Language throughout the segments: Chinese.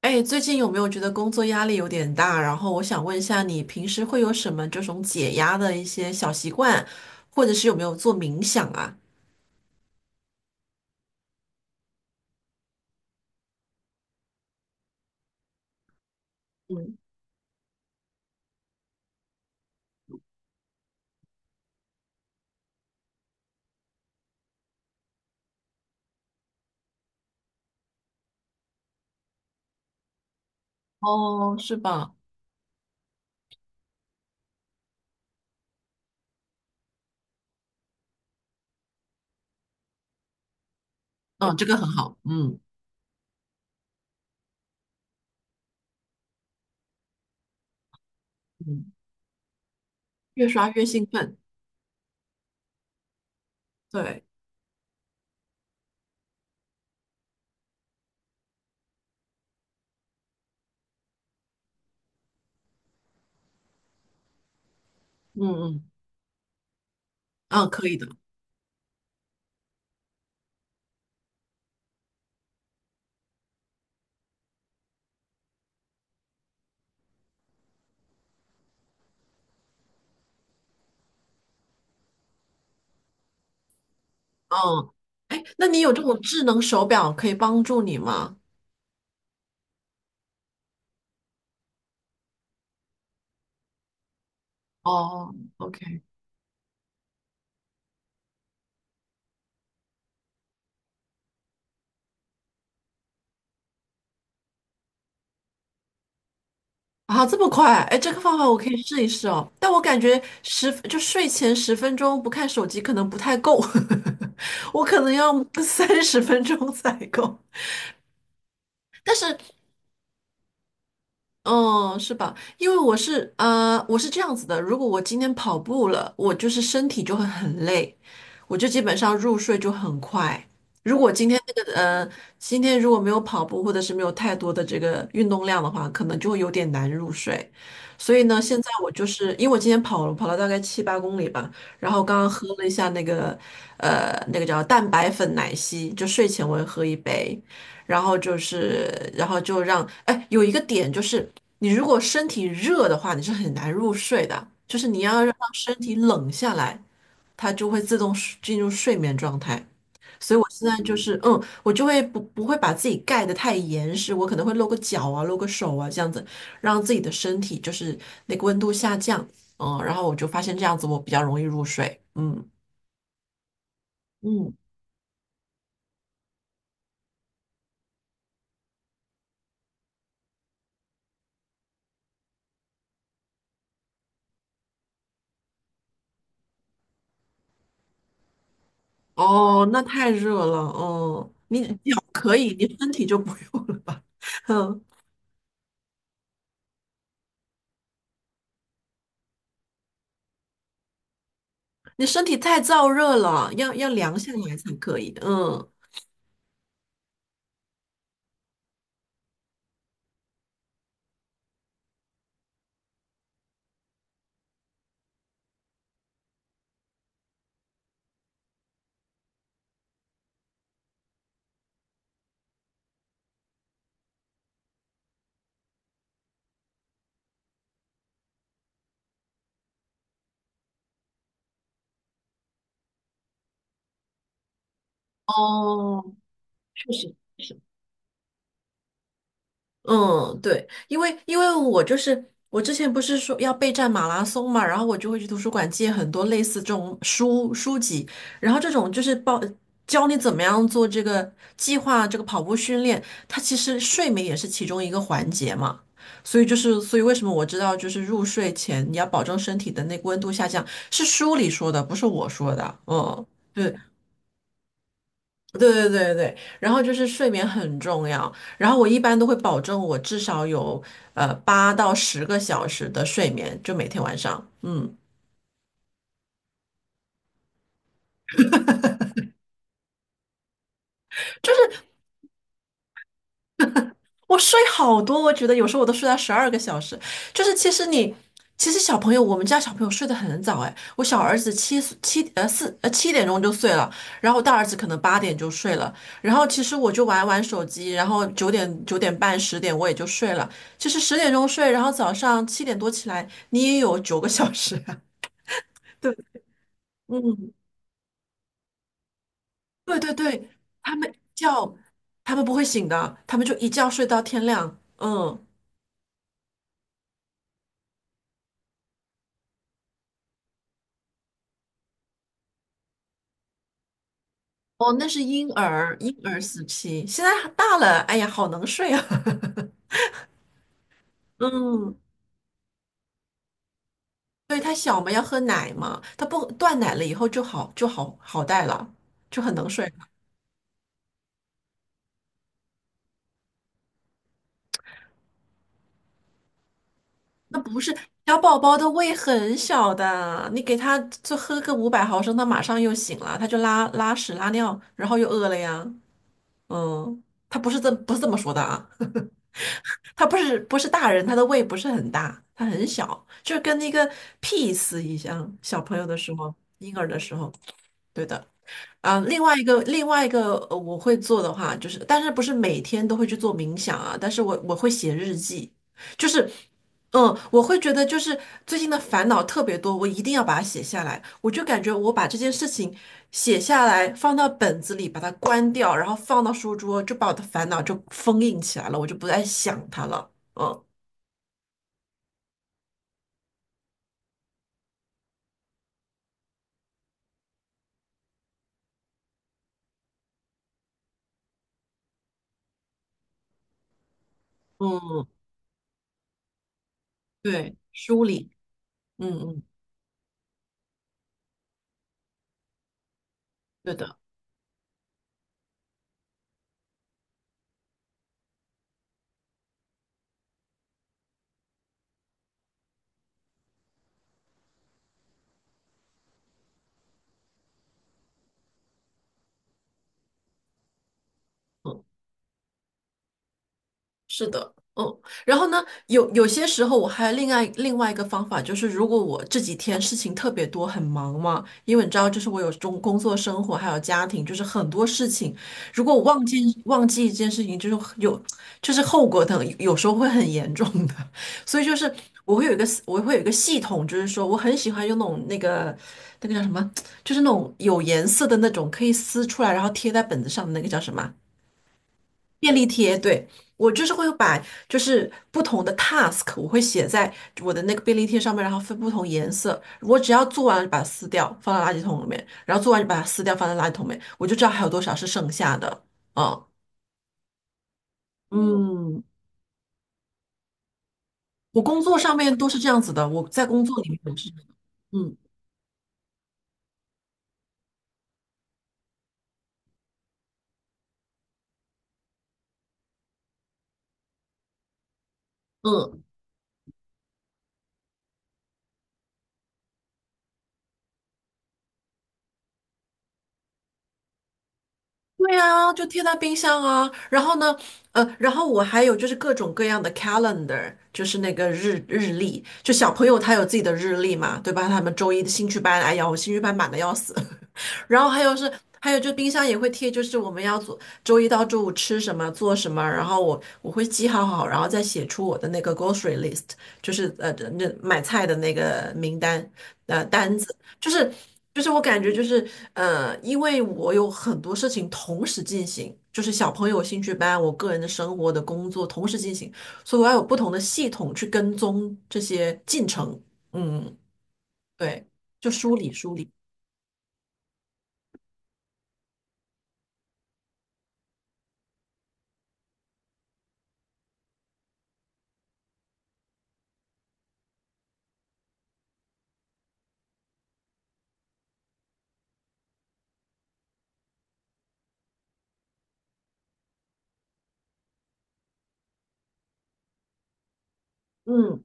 哎，最近有没有觉得工作压力有点大？然后我想问一下，你平时会有什么这种解压的一些小习惯，或者是有没有做冥想啊？哦，是吧？嗯，这个很好。嗯嗯，越刷越兴奋。对，嗯嗯嗯，可以的。嗯，哎，那你有这种智能手表可以帮助你吗？哦， OK。 啊，这么快？哎，这个方法我可以试一试哦。但我感觉睡前十分钟不看手机可能不太够，我可能要30分钟 才够。但是哦，是吧？因为我是这样子的，如果我今天跑步了，我就是身体就会很累，我就基本上入睡就很快。如果今天那个呃，今天如果没有跑步或者是没有太多的这个运动量的话，可能就会有点难入睡。所以呢，现在我就是因为我今天跑了大概七八公里吧，然后刚刚喝了一下那个叫蛋白粉奶昔，就睡前我会喝一杯。然后就是，然后就让，哎，有一个点就是，你如果身体热的话，你是很难入睡的，就是你要让身体冷下来，它就会自动睡进入睡眠状态。所以我现在就是，嗯，我就会不会把自己盖得太严实，我可能会露个脚啊，露个手啊，这样子，让自己的身体就是那个温度下降，嗯，然后我就发现这样子我比较容易入睡，嗯嗯，哦，那太热了，嗯，你脚可以，你身体就不用了吧，嗯。你身体太燥热了，要凉下来才可以的嗯，哦，确实。嗯，对，因为我之前不是说要备战马拉松嘛，然后我就会去图书馆借很多类似这种书籍，然后这种就是报教你怎么样做这个计划这个跑步训练，它其实睡眠也是其中一个环节嘛，所以为什么我知道就是入睡前你要保证身体的那个温度下降，是书里说的，不是我说的，嗯，对，对对对对，然后就是睡眠很重要，然后我一般都会保证我至少有8到10个小时的睡眠，就每天晚上，嗯。我睡好多，我觉得有时候我都睡到12个小时。就是其实你，其实小朋友，我们家小朋友睡得很早哎，我小儿子7岁，7点就睡了，然后大儿子可能8点就睡了，然后其实我就玩玩手机，然后九点9点半十点我也就睡了。其实10点睡，然后早上7点多起来，你也有9个小时啊 对，嗯，对对对，他们一觉，他们不会醒的，他们就一觉睡到天亮。嗯，哦，那是婴儿时期，现在大了，哎呀，好能睡啊。嗯，对，他小嘛，要喝奶嘛，他不断奶了以后就好，就好好带了，就很能睡了。那不是小宝宝的胃很小的，你给他就喝个500毫升，他马上又醒了，他就拉拉屎拉尿，然后又饿了呀。嗯，他不是这不是这么说的啊，他不是大人，他的胃不是很大，他很小，就是跟那个 PEAE 一样，小朋友的时候，婴儿的时候，对的。啊，另外一个,我会做的话，就是，但是不是每天都会去做冥想啊？但是我会写日记，就是，嗯，我会觉得就是最近的烦恼特别多，我一定要把它写下来。我就感觉我把这件事情写下来，放到本子里，把它关掉，然后放到书桌，就把我的烦恼就封印起来了，我就不再想它了。嗯嗯，对，梳理，嗯嗯，对的。嗯。是的，嗯，然后呢，有些时候我还另外一个方法就是，如果我这几天事情特别多，很忙嘛，因为你知道，就是我有中工作、生活还有家庭，就是很多事情，如果我忘记一件事情，就是有就是后果等有时候会很严重的，所以就是我会有一个系统，就是说我很喜欢用那种那个叫什么，就是那种有颜色的那种可以撕出来然后贴在本子上的那个叫什么啊？便利贴，对，我就是会把就是不同的 task,我会写在我的那个便利贴上面，然后分不同颜色。我只要做完了就把它撕掉，放到垃圾桶里面，然后做完就把它撕掉，放在垃圾桶里面，我就知道还有多少是剩下的。嗯，嗯我工作上面都是这样子的，我在工作里面也是，嗯嗯。对啊，就贴在冰箱啊。然后呢，然后我还有就是各种各样的 calendar,就是那个日历，就小朋友他有自己的日历嘛，对吧？他们周一的兴趣班，哎呀，我兴趣班满的要死。然后还有是，还有就冰箱也会贴，就是我们要做周一到周五吃什么，做什么，然后我会记好好，然后再写出我的那个 grocery list,就是那买菜的那个名单单子，就是我感觉就是因为我有很多事情同时进行，就是小朋友兴趣班，我个人的生活的工作同时进行，所以我要有不同的系统去跟踪这些进程，嗯，对，就梳理梳理，嗯。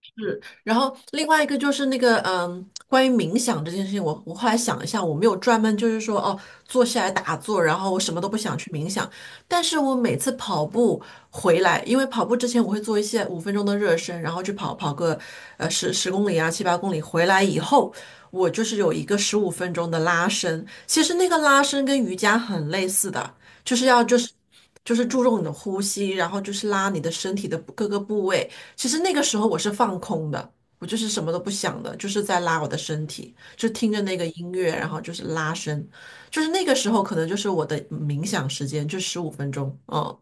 是，然后另外一个就是那个，嗯，关于冥想这件事情，我后来想一下，我没有专门就是说，哦，坐下来打坐，然后我什么都不想去冥想，但是我每次跑步回来，因为跑步之前我会做一些五分钟的热身，然后去跑个十公里啊七八公里，回来以后我就是有一个十五分钟的拉伸，其实那个拉伸跟瑜伽很类似的，就是要就是。就是注重你的呼吸，然后就是拉你的身体的各个部位，其实那个时候我是放空的，我就是什么都不想的，就是在拉我的身体，就听着那个音乐，然后就是拉伸，就是那个时候可能就是我的冥想时间，就十五分钟。嗯，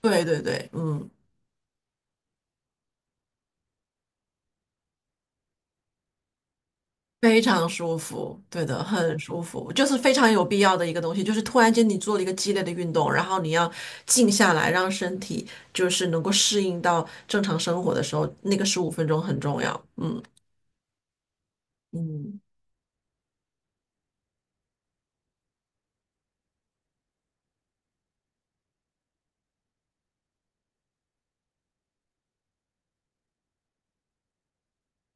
对对对，嗯，非常舒服，对的，很舒服，就是非常有必要的一个东西，就是突然间你做了一个激烈的运动，然后你要静下来，让身体就是能够适应到正常生活的时候，那个十五分钟很重要。嗯嗯。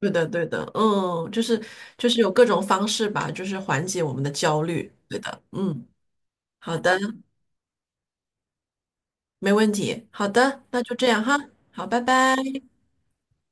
对的，对的，嗯，就是有各种方式吧，就是缓解我们的焦虑。对的，嗯，好的，没问题。好的，那就这样哈。好，拜拜。